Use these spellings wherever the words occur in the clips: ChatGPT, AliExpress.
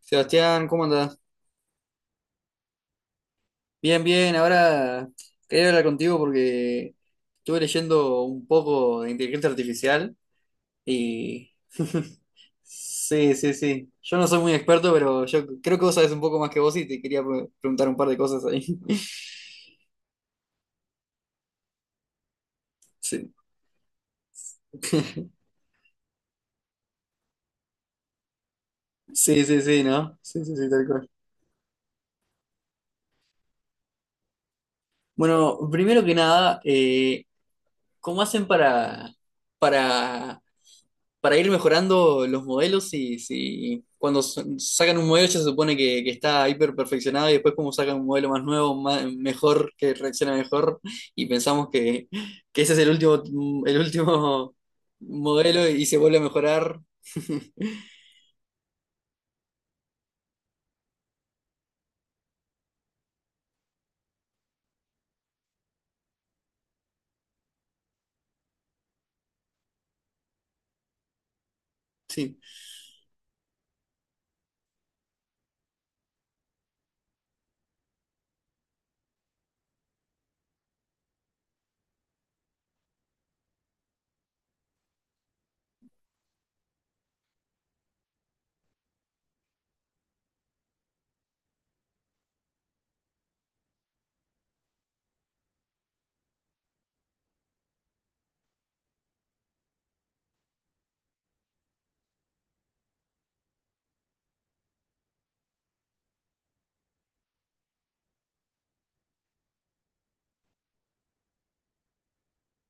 Sebastián, ¿cómo andás? Bien, bien, ahora quería hablar contigo porque estuve leyendo un poco de inteligencia artificial y... Sí, sí, sí. Yo no soy muy experto, pero yo creo que vos sabés un poco más que vos y te quería preguntar un par de cosas ahí. Sí, sí, sí, sí, ¿no? Sí, sí, sí, tal cual. Bueno, primero que nada, ¿cómo hacen para, para para ir mejorando los modelos? ¿Y si cuando sacan un modelo ya se supone que está hiper perfeccionado y después como sacan un modelo más nuevo, mejor, que reacciona mejor y pensamos que ese es el último modelo y se vuelve a mejorar? Sí,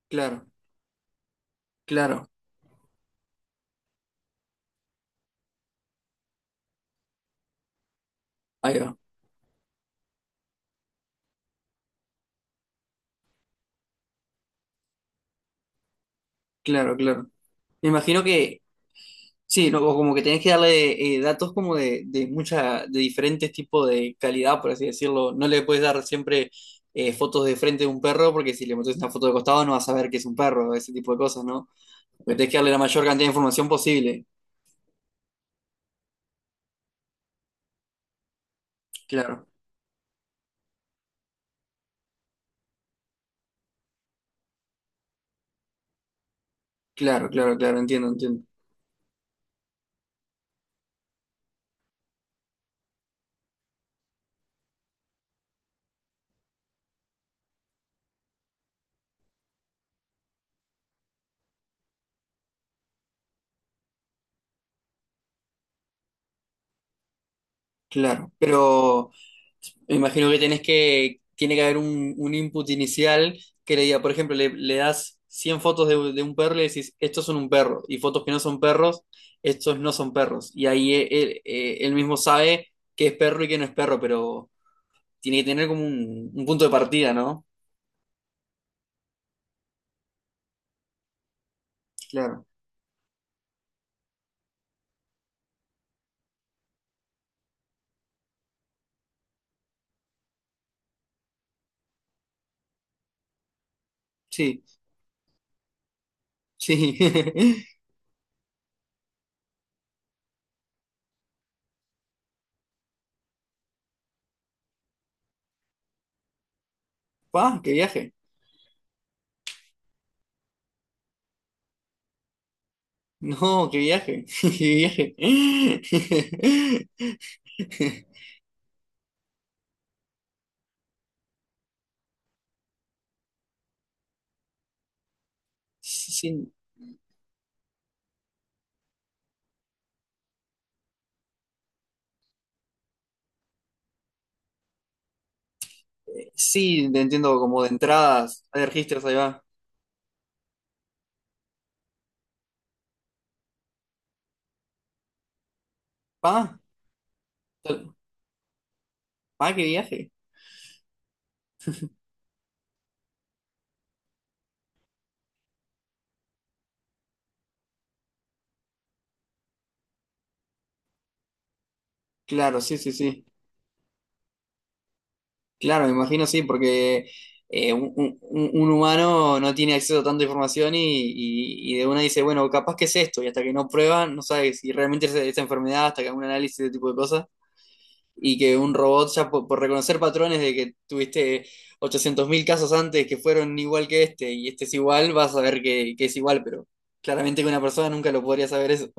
claro, claro, ahí va, claro, claro. Me imagino que sí. No, o como que tenés que darle datos como de mucha, de diferentes tipos de calidad, por así decirlo. No le puedes dar siempre fotos de frente de un perro, porque si le metes una foto de costado no vas a ver que es un perro, ese tipo de cosas, ¿no? Porque tenés que darle la mayor cantidad de información posible. Claro, claro, claro, claro, entiendo, entiendo. Claro, pero me imagino que tenés que, tiene que haber un input inicial que le diga, por ejemplo, le das 100 fotos de un perro y le decís, estos son un perro, y fotos que no son perros, estos no son perros. Y ahí él, él mismo sabe qué es perro y qué no es perro, pero tiene que tener como un punto de partida, ¿no? Claro, sí, sí. ¡Pah, qué viaje! No, qué viaje, qué viaje. Sí. Sí, te entiendo como de entradas, hay registros, ahí va. ¿Pa? tal- ¿Pa qué viaje? Claro, sí, sí, sí. Claro, me imagino sí, porque un, un humano no tiene acceso a tanta información y, y de una dice, bueno, capaz que es esto, y hasta que no prueban, no sabes si realmente es esa enfermedad, hasta que hagan un análisis de ese tipo de cosas, y que un robot ya por reconocer patrones de que tuviste 800.000 casos antes que fueron igual que este, y este es igual, vas a ver que es igual, pero claramente que una persona nunca lo podría saber eso.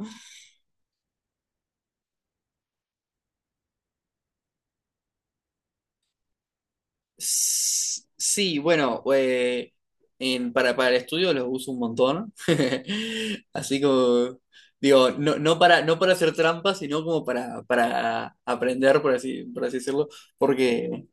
Sí, bueno, para el estudio los uso un montón. Así como, digo, no, no para, no para hacer trampas, sino como para aprender, por así decirlo. Porque,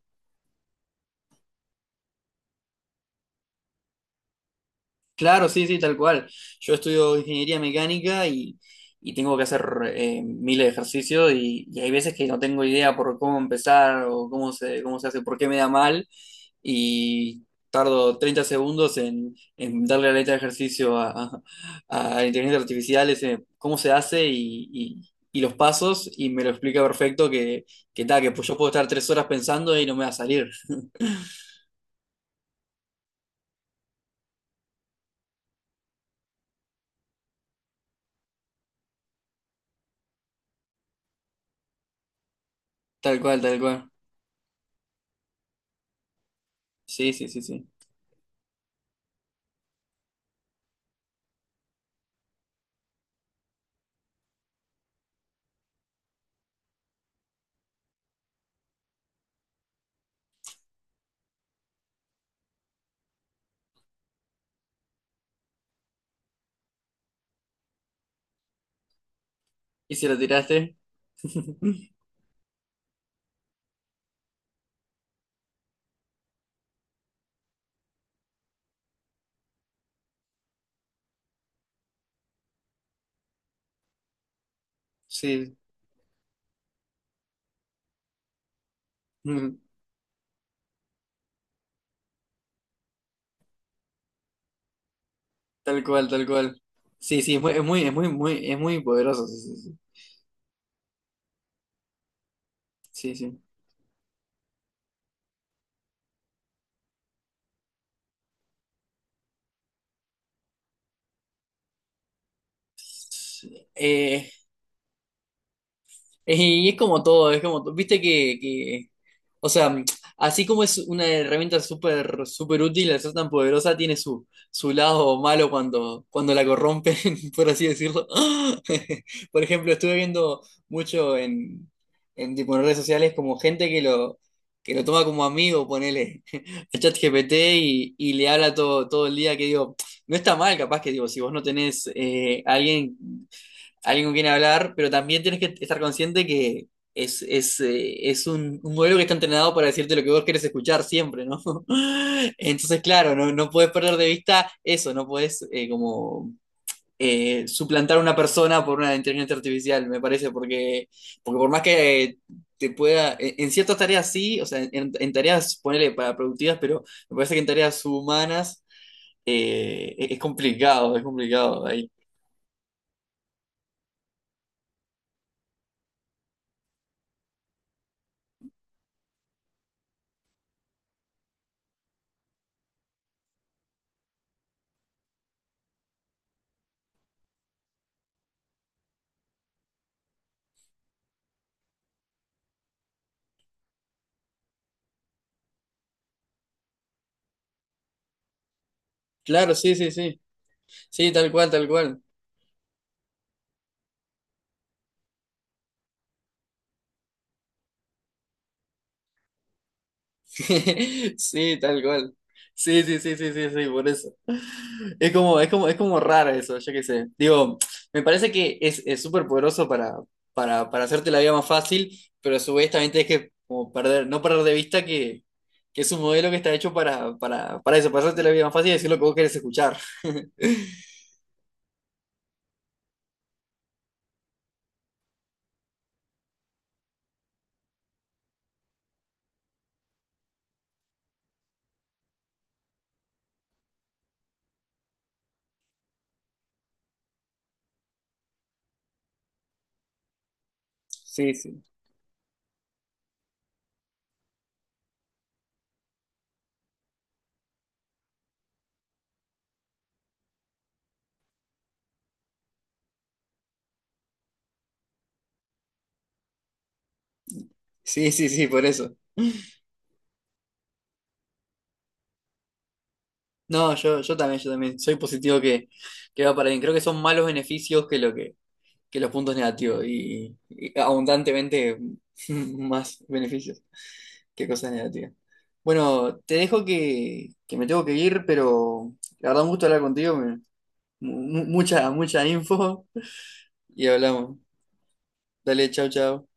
claro, sí, sí, tal cual. Yo estudio ingeniería mecánica y tengo que hacer miles de ejercicios y hay veces que no tengo idea por cómo empezar o cómo se hace, por qué me da mal. Y tardo 30 segundos en darle la letra de ejercicio a inteligencia artificial, ese, cómo se hace y, y los pasos, y me lo explica perfecto que tal, que pues yo puedo estar 3 horas pensando y no me va a salir. Tal cual, tal cual. Sí, sí, sí, sí. ¿Y si lo tiraste? Sí, mm, tal cual, tal cual. Sí, sí, es muy, es muy, es muy, es muy poderoso. Sí, sí, sí. Sí, sí. Y es como todo, es como todo. Viste que, o sea, así como es una herramienta súper, súper útil, al ser tan poderosa, tiene su, su lado malo cuando, cuando la corrompen, por así decirlo. Por ejemplo, estuve viendo mucho en, tipo, en redes sociales como gente que lo toma como amigo, ponele, a ChatGPT y le habla todo, todo el día, que digo, no está mal, capaz que digo, si vos no tenés alguien alguien con quien hablar, pero también tienes que estar consciente que es un modelo que está entrenado para decirte lo que vos querés escuchar siempre, ¿no? Entonces, claro, no, no puedes perder de vista eso, no puedes como suplantar a una persona por una inteligencia artificial, me parece, porque, porque por más que te pueda, en ciertas tareas sí, o sea, en tareas, ponele para productivas, pero me parece que en tareas humanas es complicado ahí. Claro, sí, sí, sí. Sí, tal cual, tal cual. Sí, tal cual. Sí, sí, sí, sí, sí, sí, por eso. Es como, es como, es como raro eso, yo qué sé. Digo, me parece que es súper poderoso para hacerte la vida más fácil, pero a su vez también tienes que como perder, no perder de vista que es un modelo que está hecho para eso, para hacerte la vida más fácil y decir lo que vos querés escuchar. Sí, sí. Sí, sí, sí, por eso. No, yo también, yo también. Soy positivo que va para bien. Creo que son malos beneficios que lo que los puntos negativos y abundantemente más beneficios que cosas negativas. Bueno, te dejo que me tengo que ir, pero la verdad un gusto hablar contigo, mucha, mucha info y hablamos. Dale, chau, chau.